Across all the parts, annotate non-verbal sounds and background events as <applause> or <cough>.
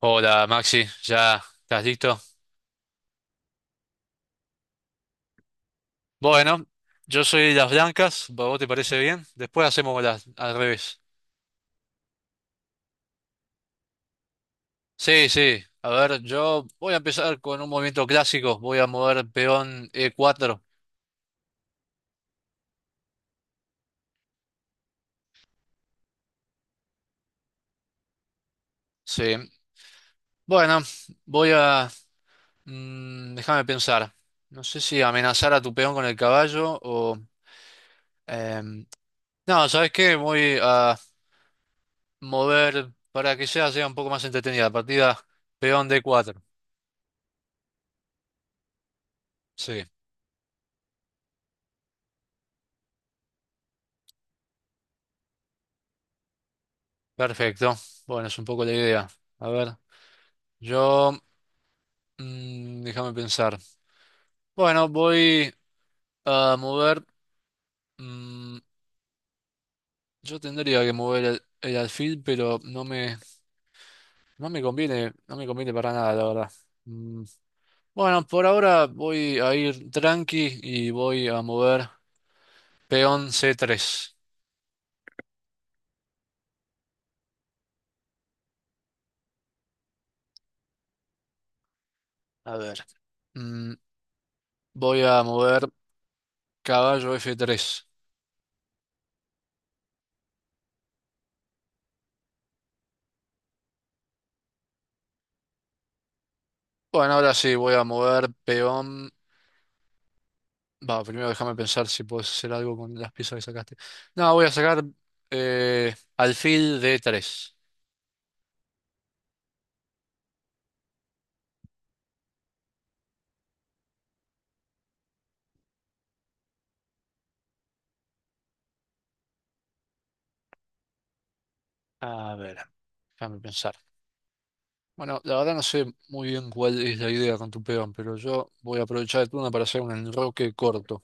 Hola Maxi, ¿ya estás listo? Bueno, yo soy las blancas, ¿a ¿vos te parece bien? Después hacemos las al revés. Sí, sí, a ver, yo voy a empezar con un movimiento clásico, voy a mover peón e cuatro. Sí, bueno, voy a déjame pensar, no sé si amenazar a tu peón con el caballo o... em, no, ¿sabes qué? Voy a mover para que sea un poco más entretenida la partida, peón d cuatro. Sí. Perfecto. Bueno, es un poco la idea. A ver, yo déjame pensar. Bueno, voy a mover... mm, yo tendría que mover el alfil, pero no me conviene, no me conviene para nada, la verdad. Mm, bueno, por ahora voy a ir tranqui y voy a mover peón C3. A ver, mm, voy a mover caballo F3. Bueno, ahora sí, voy a mover peón. Va, primero déjame pensar si puedes hacer algo con las piezas que sacaste. No, voy a sacar alfil de 3. A ver, déjame pensar. Bueno, la verdad no sé muy bien cuál es la idea con tu peón, pero yo voy a aprovechar el turno para hacer un enroque corto.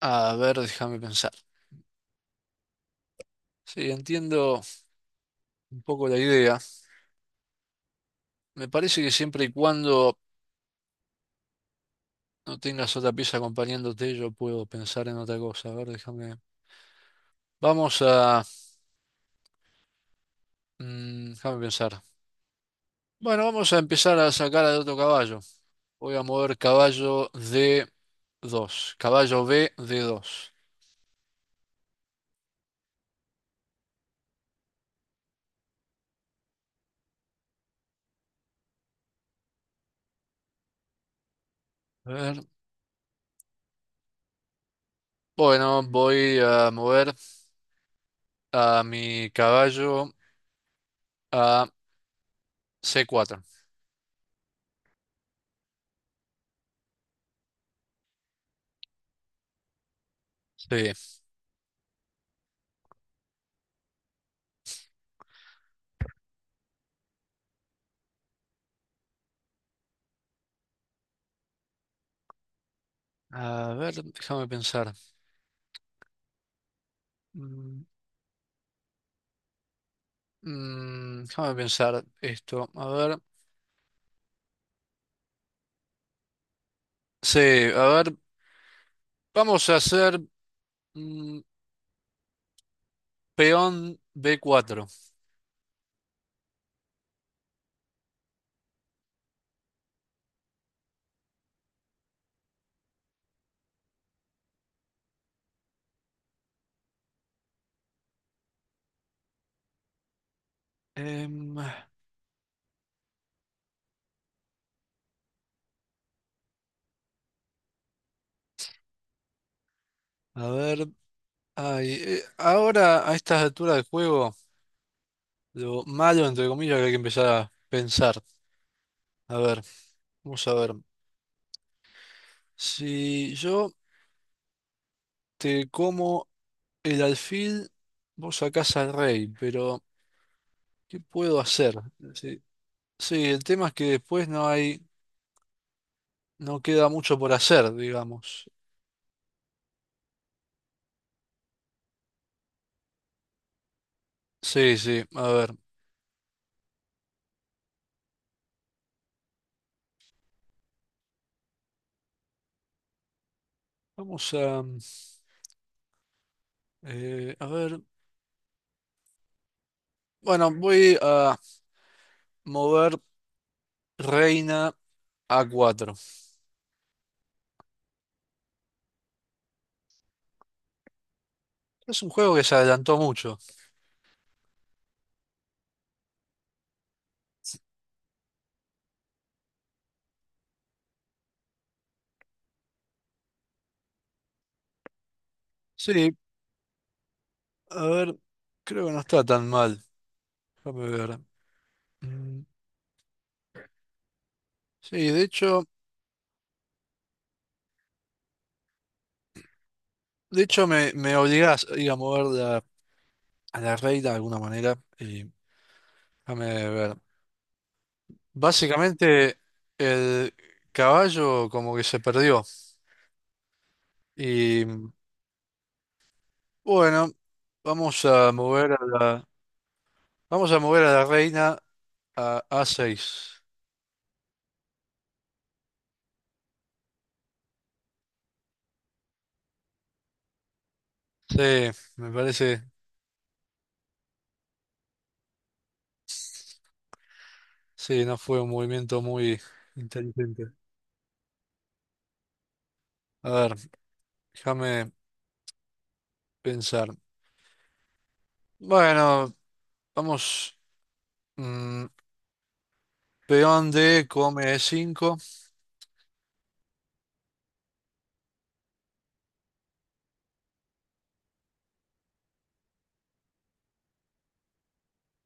A ver, déjame pensar. Sí, entiendo un poco la idea. Me parece que siempre y cuando no tengas otra pieza acompañándote, yo puedo pensar en otra cosa. A ver, déjame. Vamos a... déjame pensar. Bueno, vamos a empezar a sacar al otro caballo. Voy a mover caballo D2. Caballo B, D2. A ver. Bueno, voy a mover a mi caballo a C4. Sí. A ver, déjame pensar. Mm, Déjame pensar esto. A ver. Sí, a ver. Vamos a hacer mm, peón B4. A ver. Ay, ahora, a estas alturas del juego, lo malo, entre comillas, que hay que empezar a pensar. A ver, vamos a ver. Si yo te como el alfil, vos sacás al rey, pero ¿qué puedo hacer? Sí, sí, el tema es que después no hay, no queda mucho por hacer, digamos. Sí, sí, a ver. Vamos a, mm, a ver. Bueno, voy a mover reina a cuatro. Es un juego que se adelantó mucho. Sí, a ver, creo que no está tan mal. Déjame ver. Mm, Sí, de hecho. De hecho, me obligas a ir a mover a la reina de alguna manera. Y déjame ver. Básicamente, el caballo como que se perdió. Y bueno, vamos a mover a la, vamos a mover a la reina a seis. Sí, me parece, sí, no fue un movimiento muy inteligente. A ver, déjame pensar. Bueno, vamos. mm, Peón D come E5.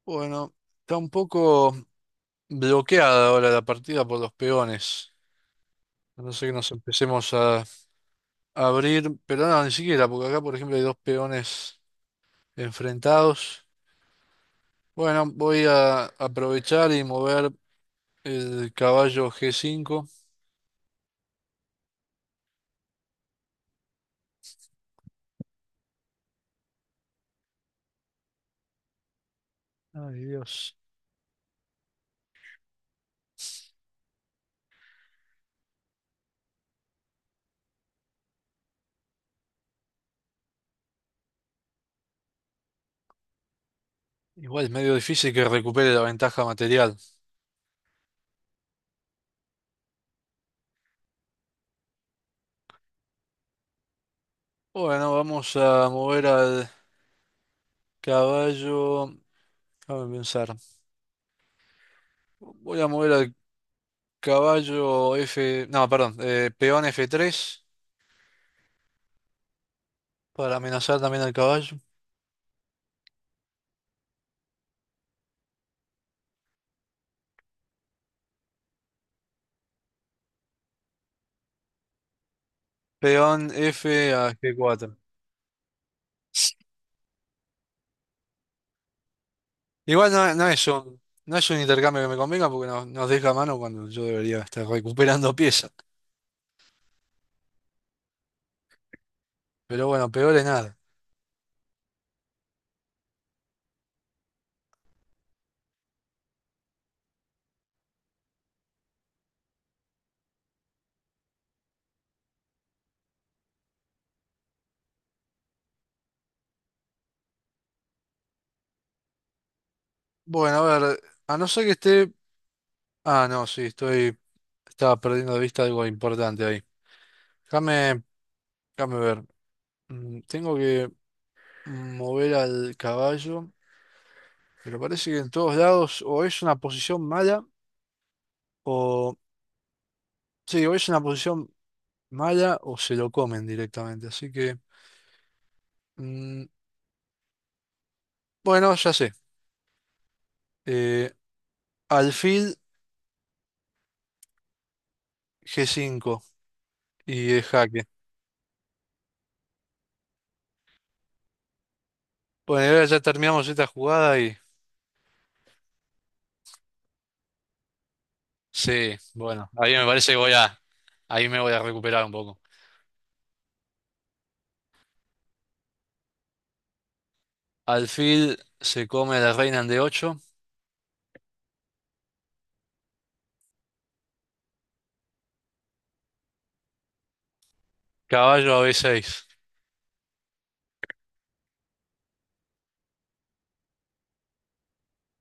Bueno, está un poco bloqueada ahora la partida por los peones. A no sé que nos empecemos a abrir, pero no, ni siquiera, porque acá, por ejemplo, hay dos peones enfrentados. Bueno, voy a aprovechar y mover el caballo G5. Ay, Dios. Igual es medio difícil que recupere la ventaja material. Bueno, vamos a mover al caballo. Déjame pensar. Voy a mover al caballo F. No, perdón, peón F3, para amenazar también al caballo. Peón F a G4. Igual no, no es un intercambio que me convenga porque nos deja a mano cuando yo debería estar recuperando <laughs> piezas. Pero bueno, peor es nada. Bueno, a ver, a no ser que esté... Ah, no, sí, estoy... Estaba perdiendo de vista algo importante ahí. Déjame, déjame ver. Tengo que mover al caballo, pero parece que en todos lados o es una posición mala o... Sí, o es una posición mala o se lo comen directamente. Así que, mm, bueno, ya sé. Eh, Alfil G5 y es jaque. Bueno, y ahora ya terminamos esta jugada y... Sí, bueno, ahí me parece que voy a... Ahí me voy a recuperar un poco. Alfil se come la reina en D8, caballo a B6.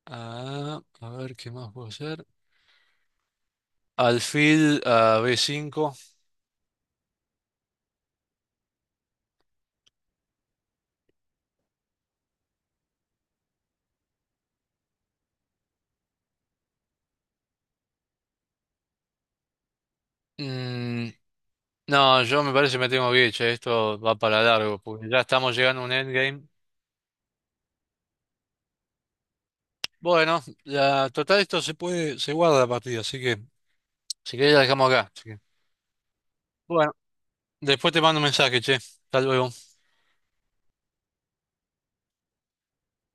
Ah, a ver, ¿qué más puedo hacer? Alfil a B5. Mm, no, yo me parece que me tengo que ir, che, esto va para largo, porque ya estamos llegando a un endgame. Bueno, la total esto se puede, se guarda la partida, así que si querés la dejamos acá. Así que, bueno, después te mando un mensaje, che. Hasta luego.